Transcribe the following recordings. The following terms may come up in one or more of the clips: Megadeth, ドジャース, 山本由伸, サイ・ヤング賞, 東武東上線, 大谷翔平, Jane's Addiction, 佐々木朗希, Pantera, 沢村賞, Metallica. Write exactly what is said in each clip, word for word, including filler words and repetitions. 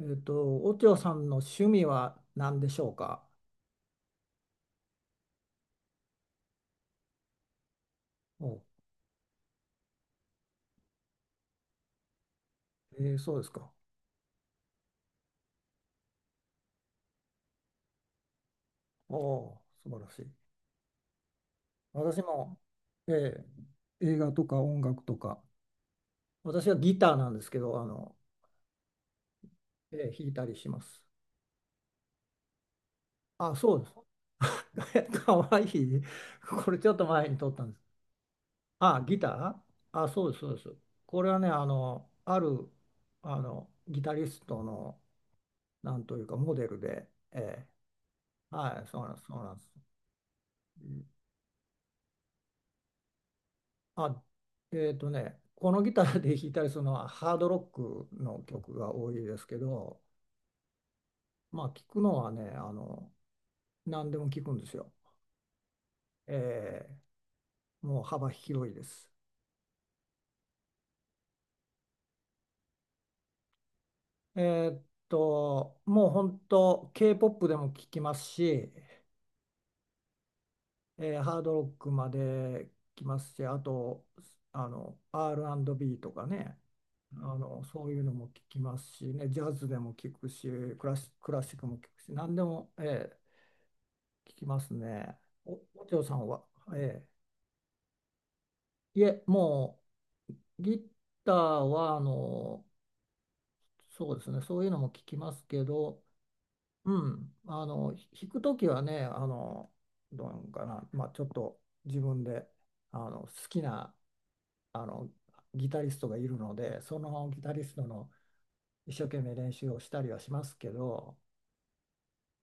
えっと、おちょさんの趣味は何でしょうか？お、えーそうですか。おお、素晴らしい。私も、えー映画とか音楽とか、私はギターなんですけど、あの、えー弾いたりします。あ、そうです。かわいい。これちょっと前に撮ったんです。あ、ギター、あ、そうです、そうです。これはね、あの、ある、あの、ギタリストの、なんというか、モデルで、えーはい、そうなんです、そうなんです。あ、えっとね、このギターで弾いたりするのはハードロックの曲が多いですけど、まあ聞くのはね、あの、何でも聞くんですよ。えーもう幅広いです。えっと、もう本当 K-ケーポップ でも聞きますし、えーハードロックまで聞きますし、あと、あの、アールアンドビー とかね、あの、そういうのも聞きますしね、ジャズでも聞くし、クラシ、クラシックも聞くし、何でも、えー聞きますね。お、お嬢さんは、ええ、いえ、もうギターはあのそうですね、そういうのも聞きますけど、うん、あのひ弾くときはね、あのどうなのかな、まあ、ちょっと自分であの好きなあのギタリストがいるので、そのギタリストの一生懸命練習をしたりはしますけど、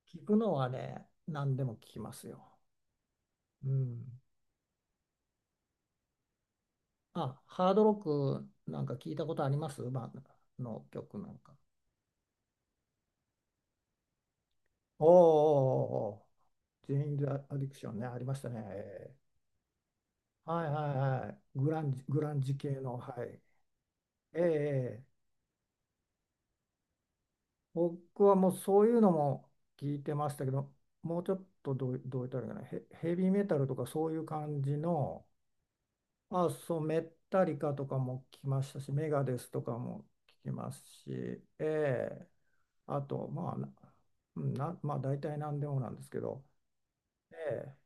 聞くのはね、何でも聞きますよ。うん、あ、ハードロックなんか聞いたことありますバンドの曲なんか。おーおーおーおー、ジェイン・ザ・アディクションね、ありましたね。えーはいはいはい。グランジ、グランジ系の、はい。えーえー僕はもうそういうのも聞いてましたけど、もうちょっとどう、どう言ったらいいかな、ヘ、ヘビーメタルとかそういう感じの、まあ、そう、メッタリカとかも聞きましたし、メガデスとかも聞きますし、ええ、あと、まあ、な、うんなまあ、大体何でもなんですけど、ええ、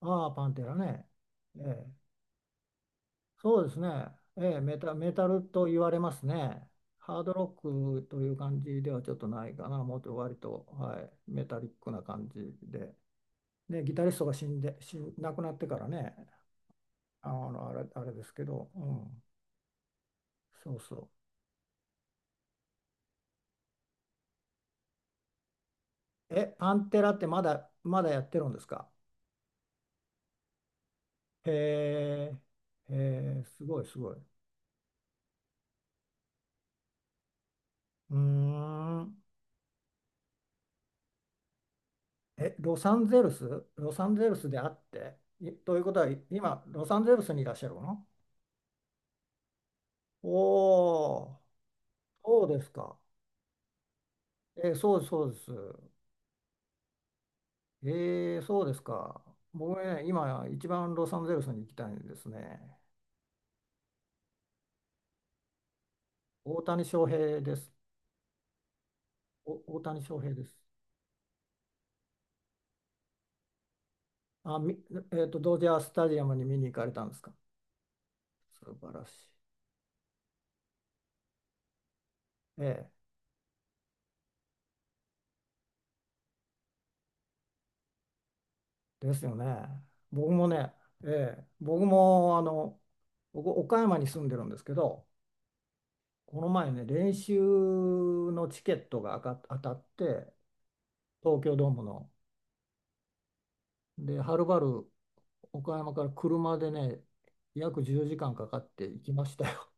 ああ、パンテラね、ええ、そうですね、ええ、メタ、メタルと言われますね。ハードロックという感じではちょっとないかな、もっと割と、はい、メタリックな感じで、で、ギタリストが死んで、死ん、亡くなってからね、あの、あれ、あれですけど、うん、そうそう。え、パンテラってまだ、まだやってるんですか？へえ、へえ、すごいすごい。うーん。え、ロサンゼルスロサンゼルスであって、いということは、い今、ロサンゼルスにいらっしゃるの？おおー、そうですか。え、そうです、そうです。えー、そうですか。僕ね、今、一番ロサンゼルスに行きたいんですね。大谷翔平です。お、大谷翔平です。あ、み、えっと、ドジャースタジアムに見に行かれたんですか？素晴らしい。ええ、ですよね。僕もね、ええ、僕もあの、僕、岡山に住んでるんですけど、この前ね、練習のチケットが当た当たって、東京ドームの。で、はるばる岡山から車でね、約じゅうじかんかんかかって行きましたよ。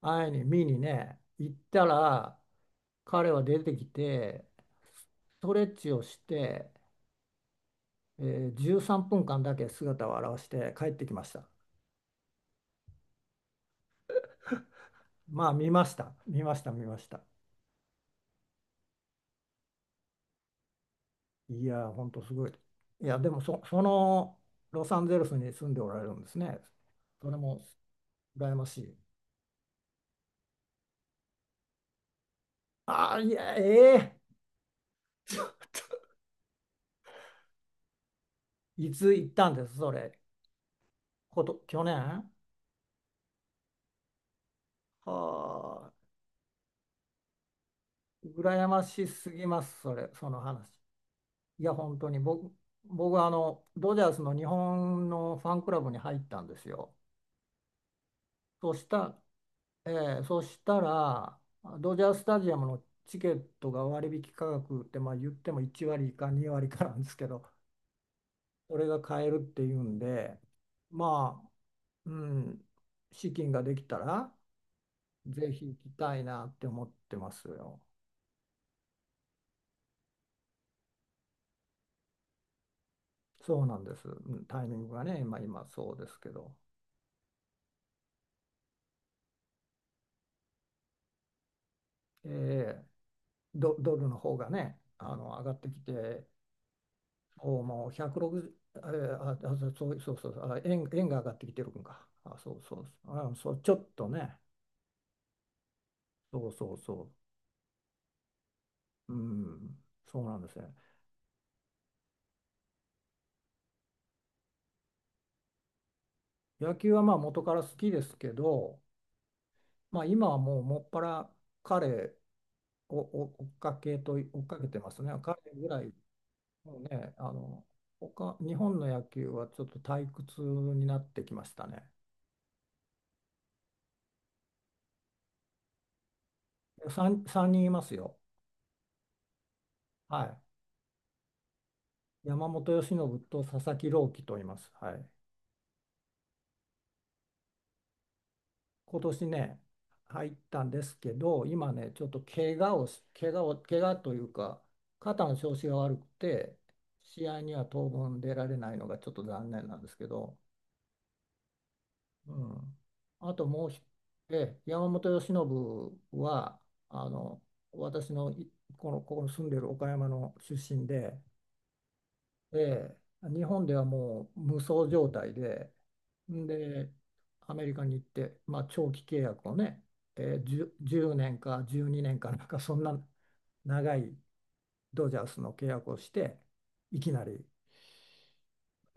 会いに、見にね、行ったら、彼は出てきて、ストレッチをして、えーじゅうさんぷんかんだけ姿を現して帰ってきました。まあ見ました、見ました、見ました。いやー、ほんとすごい。いや、でもそ、そのロサンゼルスに住んでおられるんですね。それも羨ましい。ああ、いや、ええ。 いつ行ったんです、それ。こと、去年はあ、羨ましすぎます、それ、その話。いや、本当に僕、僕はあの、ドジャースの日本のファンクラブに入ったんですよ。そうしたえーそしたら、ドジャースタジアムのチケットが割引価格って、まあ、言ってもいちわり割かにわり割かなんですけど、それが買えるっていうんで、まあ、うん、資金ができたら、ぜひ行きたいなって思ってますよ。そうなんです。うん、タイミングがね、今、今そうですけど、えード、ドルの方がね、あの上がってきて、おもうひゃくろくじゅう、えーあ、あそうそうそうそう、あ、円、円が上がってきてるんか。あ、そうそうそう、あ、そう、ちょっとね、そうそうそう、うん、そうなんですね。野球はまあ元から好きですけど、まあ今はもうもっぱら彼をお追っかけと、追っかけてますね。彼ぐらい、もうね、あの、他、日本の野球はちょっと退屈になってきましたね。さん、三人いますよ。はい。山本由伸と佐々木朗希と言います。はい。今年ね、入ったんですけど、今ね、ちょっと怪我をし、怪我を、怪我というか、肩の調子が悪くて、試合には当分出られないのがちょっと残念なんですけど、うん。あともうひ、え、山本由伸は、あの、私のいこの、ここに住んでる岡山の出身で、ええ、日本ではもう無双状態で、んで、アメリカに行って、まあ、長期契約をね、えー、じゅう、年かじゅうにねんかなんか、そんな長いドジャースの契約をして、いきなり。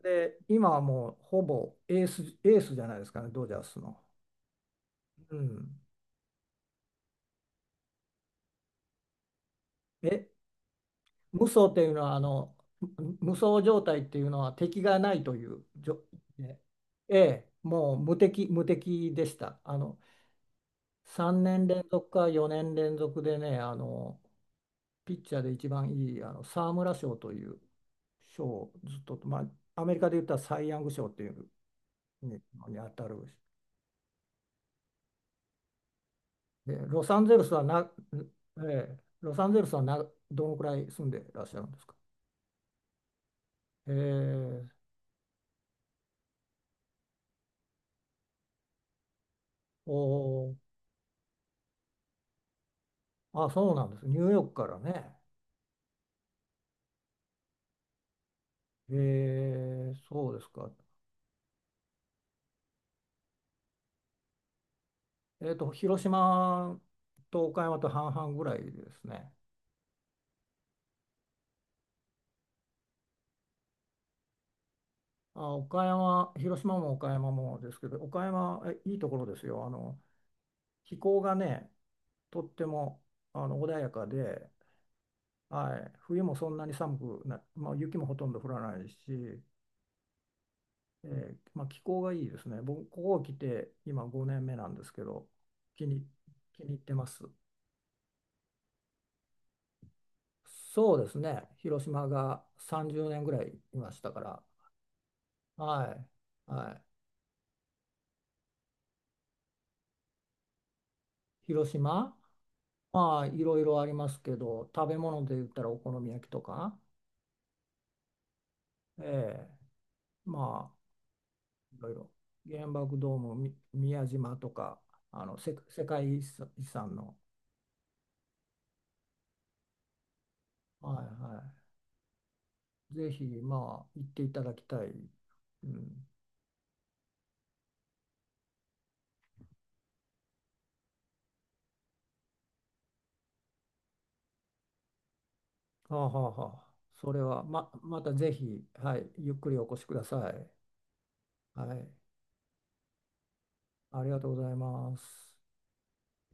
で、今はもうほぼエース、エースじゃないですかね、ドジャースの。うん。え、無双っていうのは、あの、無無双状態っていうのは敵がないという状、ええ、もう無敵、無敵でした。あのさんねん連続かよねん連続でね、あの、ピッチャーで一番いいあの沢村賞という賞をずっと、まあ、アメリカで言ったらサイ・ヤング賞っていうのに当たるし、で、ロサンゼルスはな、ええロサンゼルスはな、どのくらい住んでらっしゃるんですか？ええおーあ、そうなんです。ニューヨークからね。ええそうですか。えっと、広島と岡山と半々ぐらいですね。あ、岡山、広島も岡山もですけど、岡山、えいいところですよ。あの、気候がね、とってもあの穏やかで、はい、冬もそんなに寒くな、まあ、雪もほとんど降らないし、えーまあ、気候がいいですね。僕、ここ来て今ごねんめなんですけど、気に、気に入ってます。そうですね、広島がさんじゅうねんぐらいいましたから、はい、はい、広島、まあいろいろありますけど食べ物で言ったらお好み焼きとか、ええ、まあいろいろ原爆ドーム、み宮島とかあのせ世界遺産遺産の、はいはい、ぜひまあ行っていただきたい、うん、はあはあはあ、それはま、またぜひ、はい、ゆっくりお越しください、はい、ありがとうございます。